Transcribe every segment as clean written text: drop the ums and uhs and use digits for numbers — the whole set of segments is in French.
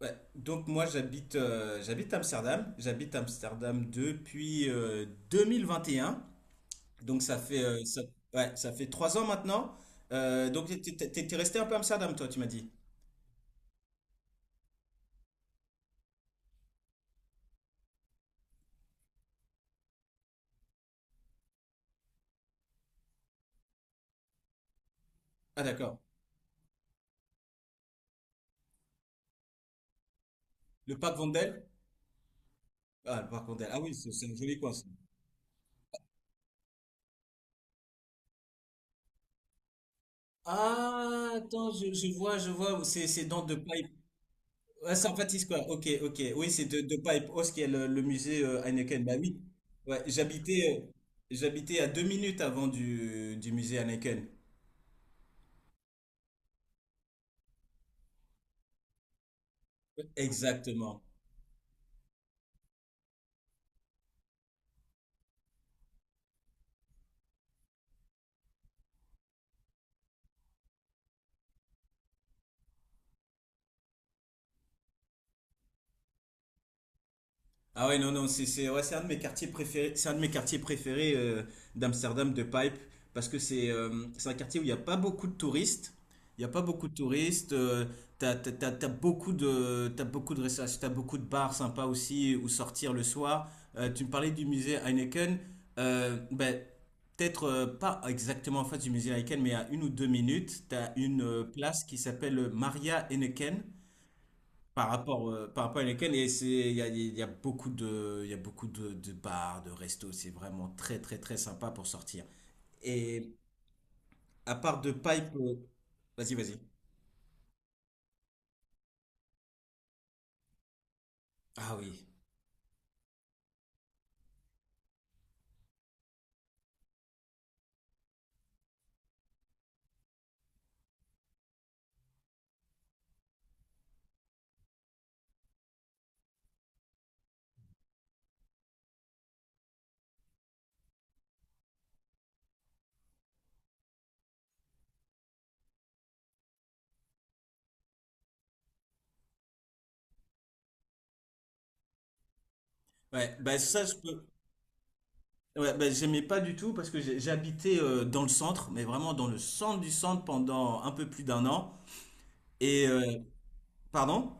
Ouais, donc moi j'habite Amsterdam depuis 2021, donc ouais, ça fait 3 ans maintenant. Donc t'es resté un peu à Amsterdam toi tu m'as dit. Ah d'accord. Le parc Vondel? Ah le parc Vondel. Ah oui, c'est un joli coin ça. Ah attends, je vois c'est dans The Pipe. Ah c'est en Baptiste quoi. Ok, ok, oui, c'est de The Pipe House qui est le, musée Heineken. Bah oui. Ouais, j'habitais à 2 minutes avant du musée Heineken. Exactement. Ah ouais, non, non, ouais, c'est un de mes quartiers préférés, d'Amsterdam, de Pipe, parce que c'est un quartier où il n'y a pas beaucoup de touristes. Il n'y a pas beaucoup de touristes. T'as beaucoup de restauration, t'as beaucoup de bars sympas aussi où sortir le soir. Tu me parlais du musée Heineken. Ben, peut-être pas exactement en face du musée Heineken, mais à 1 ou 2 minutes, t'as une place qui s'appelle Maria Heineken. Par rapport à lesquels, et c'est, il y a beaucoup de bars, de restos, c'est vraiment très très très sympa pour sortir. Et à part de pipe, vas-y vas-y. Ah oui. Ouais, bah ça je peux. Ouais, bah, j'aimais pas du tout parce que j'habitais dans le centre, mais vraiment dans le centre du centre pendant un peu plus d'un an. Et euh, Pardon?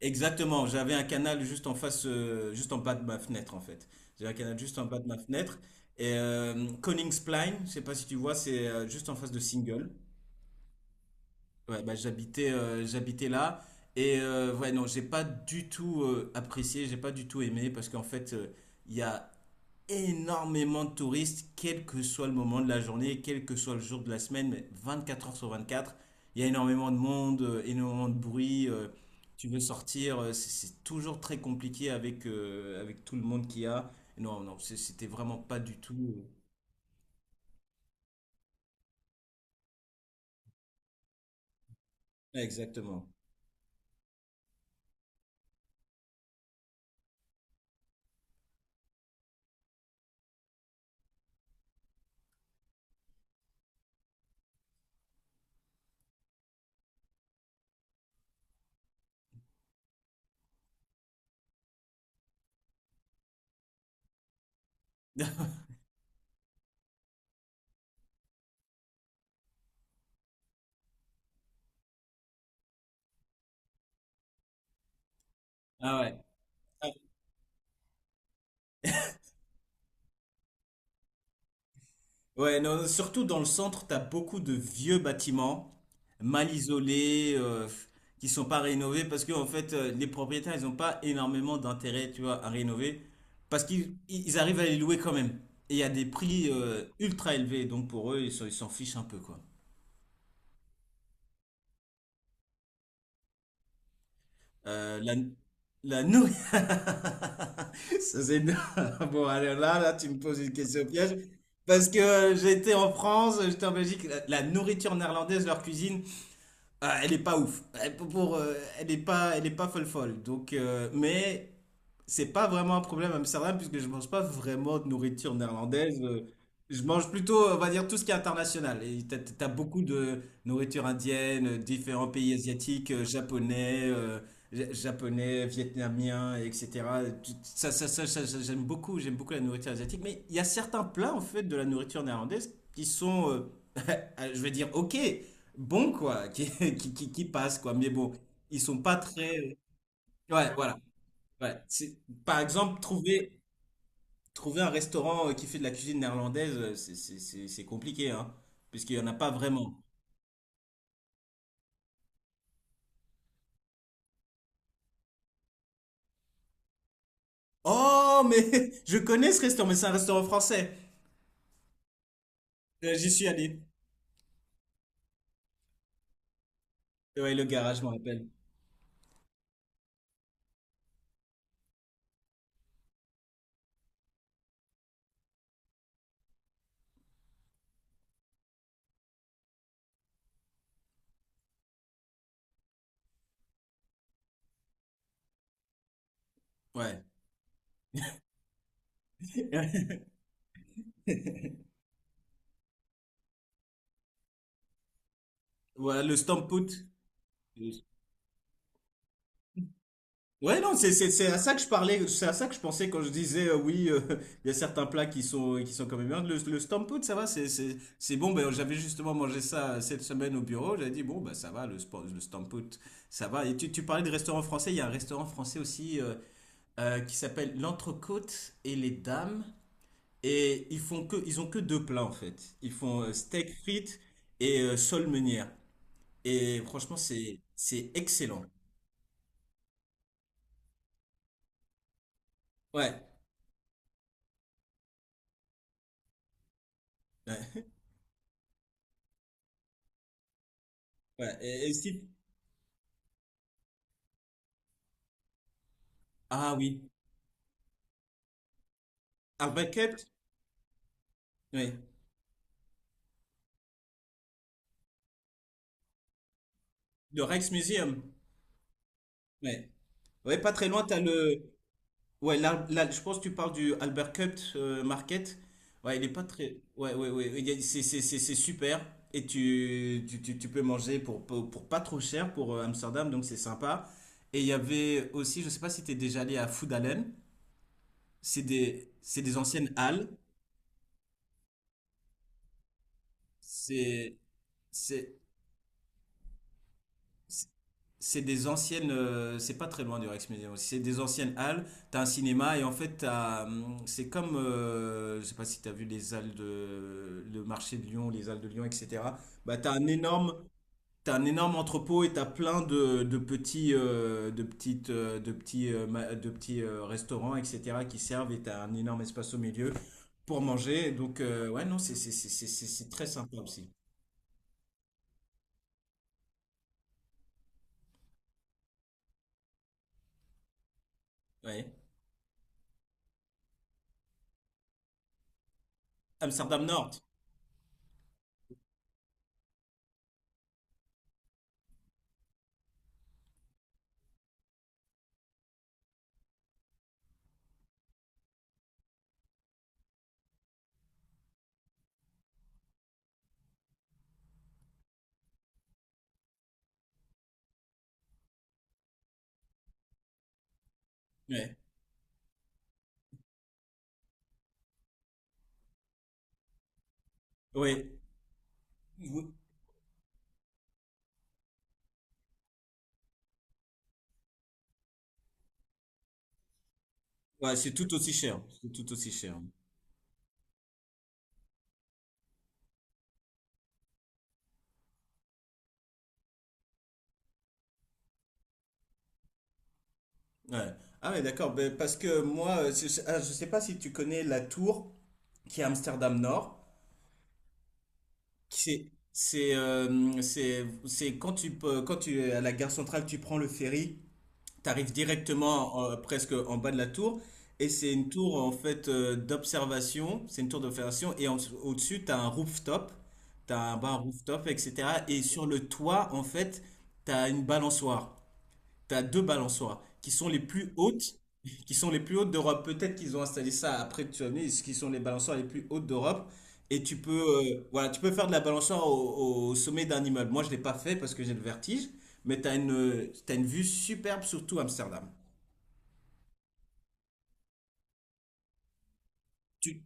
Exactement, j'avais un canal juste en face, juste en bas de ma fenêtre en fait. J'avais un canal juste en bas de ma fenêtre. Et Koningsplein, je sais pas si tu vois, c'est juste en face de Single. Ouais, bah, j'habitais là. Et ouais, non, j'ai pas du tout aimé parce qu'en fait, il y a énormément de touristes, quel que soit le moment de la journée, quel que soit le jour de la semaine, mais 24 heures sur 24, il y a énormément de monde, énormément de bruit. Tu veux sortir, c'est toujours très compliqué avec tout le monde qu'il y a. Non, non, c'était vraiment pas du tout. Exactement. Ah ouais. Ah ouais, non, surtout dans le centre, t'as beaucoup de vieux bâtiments mal isolés, qui sont pas rénovés parce que en fait, les propriétaires, ils ont pas énormément d'intérêt, tu vois, à rénover parce qu'ils arrivent à les louer quand même. Et il y a des prix ultra élevés, donc pour eux, ils s'en fichent un peu, quoi. Euh, la la nou- Ça, c'est énorme. Bon, alors là, là, tu me poses une question piège. Parce que j'étais en France, j'étais en Belgique, la nourriture néerlandaise, leur cuisine, ah, elle est pas ouf. Elle est pas folle folle. Donc, mais c'est pas vraiment un problème à Amsterdam puisque je mange pas vraiment de nourriture néerlandaise. Je mange plutôt, on va dire, tout ce qui est international. Et t'as beaucoup de nourriture indienne, différents pays asiatiques, japonais, vietnamien, etc. J'aime beaucoup la nourriture asiatique. Mais il y a certains plats en fait de la nourriture néerlandaise qui sont, je vais dire, ok bon quoi, qui passent, quoi. Mais bon, ils sont pas très... Ouais, voilà. Ouais. Par exemple, trouver un restaurant qui fait de la cuisine néerlandaise, c'est compliqué, hein, puisqu'il y en a pas vraiment. Oh, mais je connais ce restaurant, mais c'est un restaurant français. J'y suis allé. Ouais, le garage, je m'en rappelle. Ouais. Voilà, le Stamppot. Ouais, non, c'est à ça que je parlais, c'est à ça que je pensais quand je disais oui, il y a certains plats qui sont quand même bien. Le stampout, ça va, c'est bon. Ben j'avais justement mangé ça cette semaine au bureau. J'avais dit bon bah ça va, le stampout, ça va. Et tu parlais de restaurant français. Il y a un restaurant français aussi qui s'appelle l'Entrecôte et les Dames. Et ils ont que deux plats en fait. Ils font steak frites et sole meunière. Et franchement, c'est excellent. Ouais, ouais, ouais. Et si Ah oui. À Bucket, oui. Le Rijksmuseum. Ouais. Ouais, pas très loin, t'as le. Ouais, là, là, je pense que tu parles du Albert Cupt Market. Ouais, il est pas très. Ouais, ouais, ouais. C'est super. Et tu peux manger pour pas trop cher pour Amsterdam, donc c'est sympa. Et il y avait aussi, je sais pas si t'es déjà allé à Foodalen. C'est des anciennes halles. C'est. C'est. C'est des anciennes. C'est pas très loin du Rex Museum aussi. C'est des anciennes halles. T'as un cinéma et en fait, c'est comme. Je sais pas si t'as vu les halles de. Le marché de Lyon, les halles de Lyon, etc. Bah, t'as un énorme. T'as un énorme entrepôt et t'as plein de de petits restaurants, etc. qui servent et t'as un énorme espace au milieu pour manger. Donc, ouais, non, c'est très sympa aussi. Ouais. Amsterdam Nord. Ouais. Ouais. Ouais, c'est tout aussi cher. C'est tout aussi cher. Ouais. Ah ouais, d'accord. Ben, parce que moi, je sais pas si tu connais la tour qui est à Amsterdam Nord. C'est quand tu es à la gare centrale, tu prends le ferry, tu arrives directement presque en bas de la tour. Et c'est une tour en fait d'observation. C'est une tour d'observation et au-dessus tu as un rooftop, t'as un bar rooftop, etc. Et sur le toit en fait, t'as une balançoire. T'as deux balançoires qui sont les plus hautes, qui sont les plus hautes d'Europe. Peut-être qu'ils ont installé ça après, tu vas me dire, ce qui sont les balançoires les plus hautes d'Europe. Et voilà, tu peux faire de la balançoire au sommet d'un immeuble. Moi, je ne l'ai pas fait parce que j'ai le vertige, mais t'as une vue superbe sur tout Amsterdam. Tu...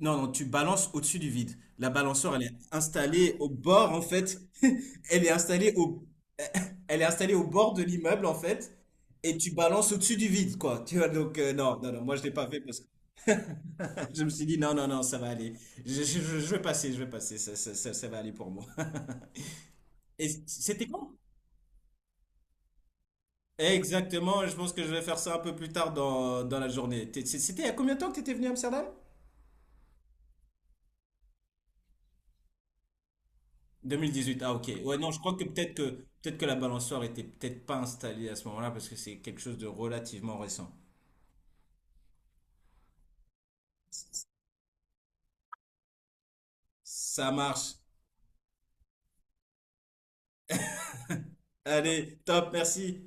Non, non, tu balances au-dessus du vide. La balançoire, elle est installée au bord, en fait. Elle est installée au... Elle est installée au bord de l'immeuble, en fait. Et tu balances au-dessus du vide, quoi. Tu vois, donc, non, non, non, moi, je l'ai pas fait parce que je me suis dit, non, non, non, ça va aller. Je vais passer, je vais passer. Ça va aller pour moi. Et c'était quand? Exactement, je pense que je vais faire ça un peu plus tard dans la journée. C'était il y a combien de temps que tu étais venu à Amsterdam? 2018, ah ok. Ouais, non, je crois que peut-être que la balançoire était peut-être pas installée à ce moment-là parce que c'est quelque chose de relativement récent. Ça marche. Allez, top, merci.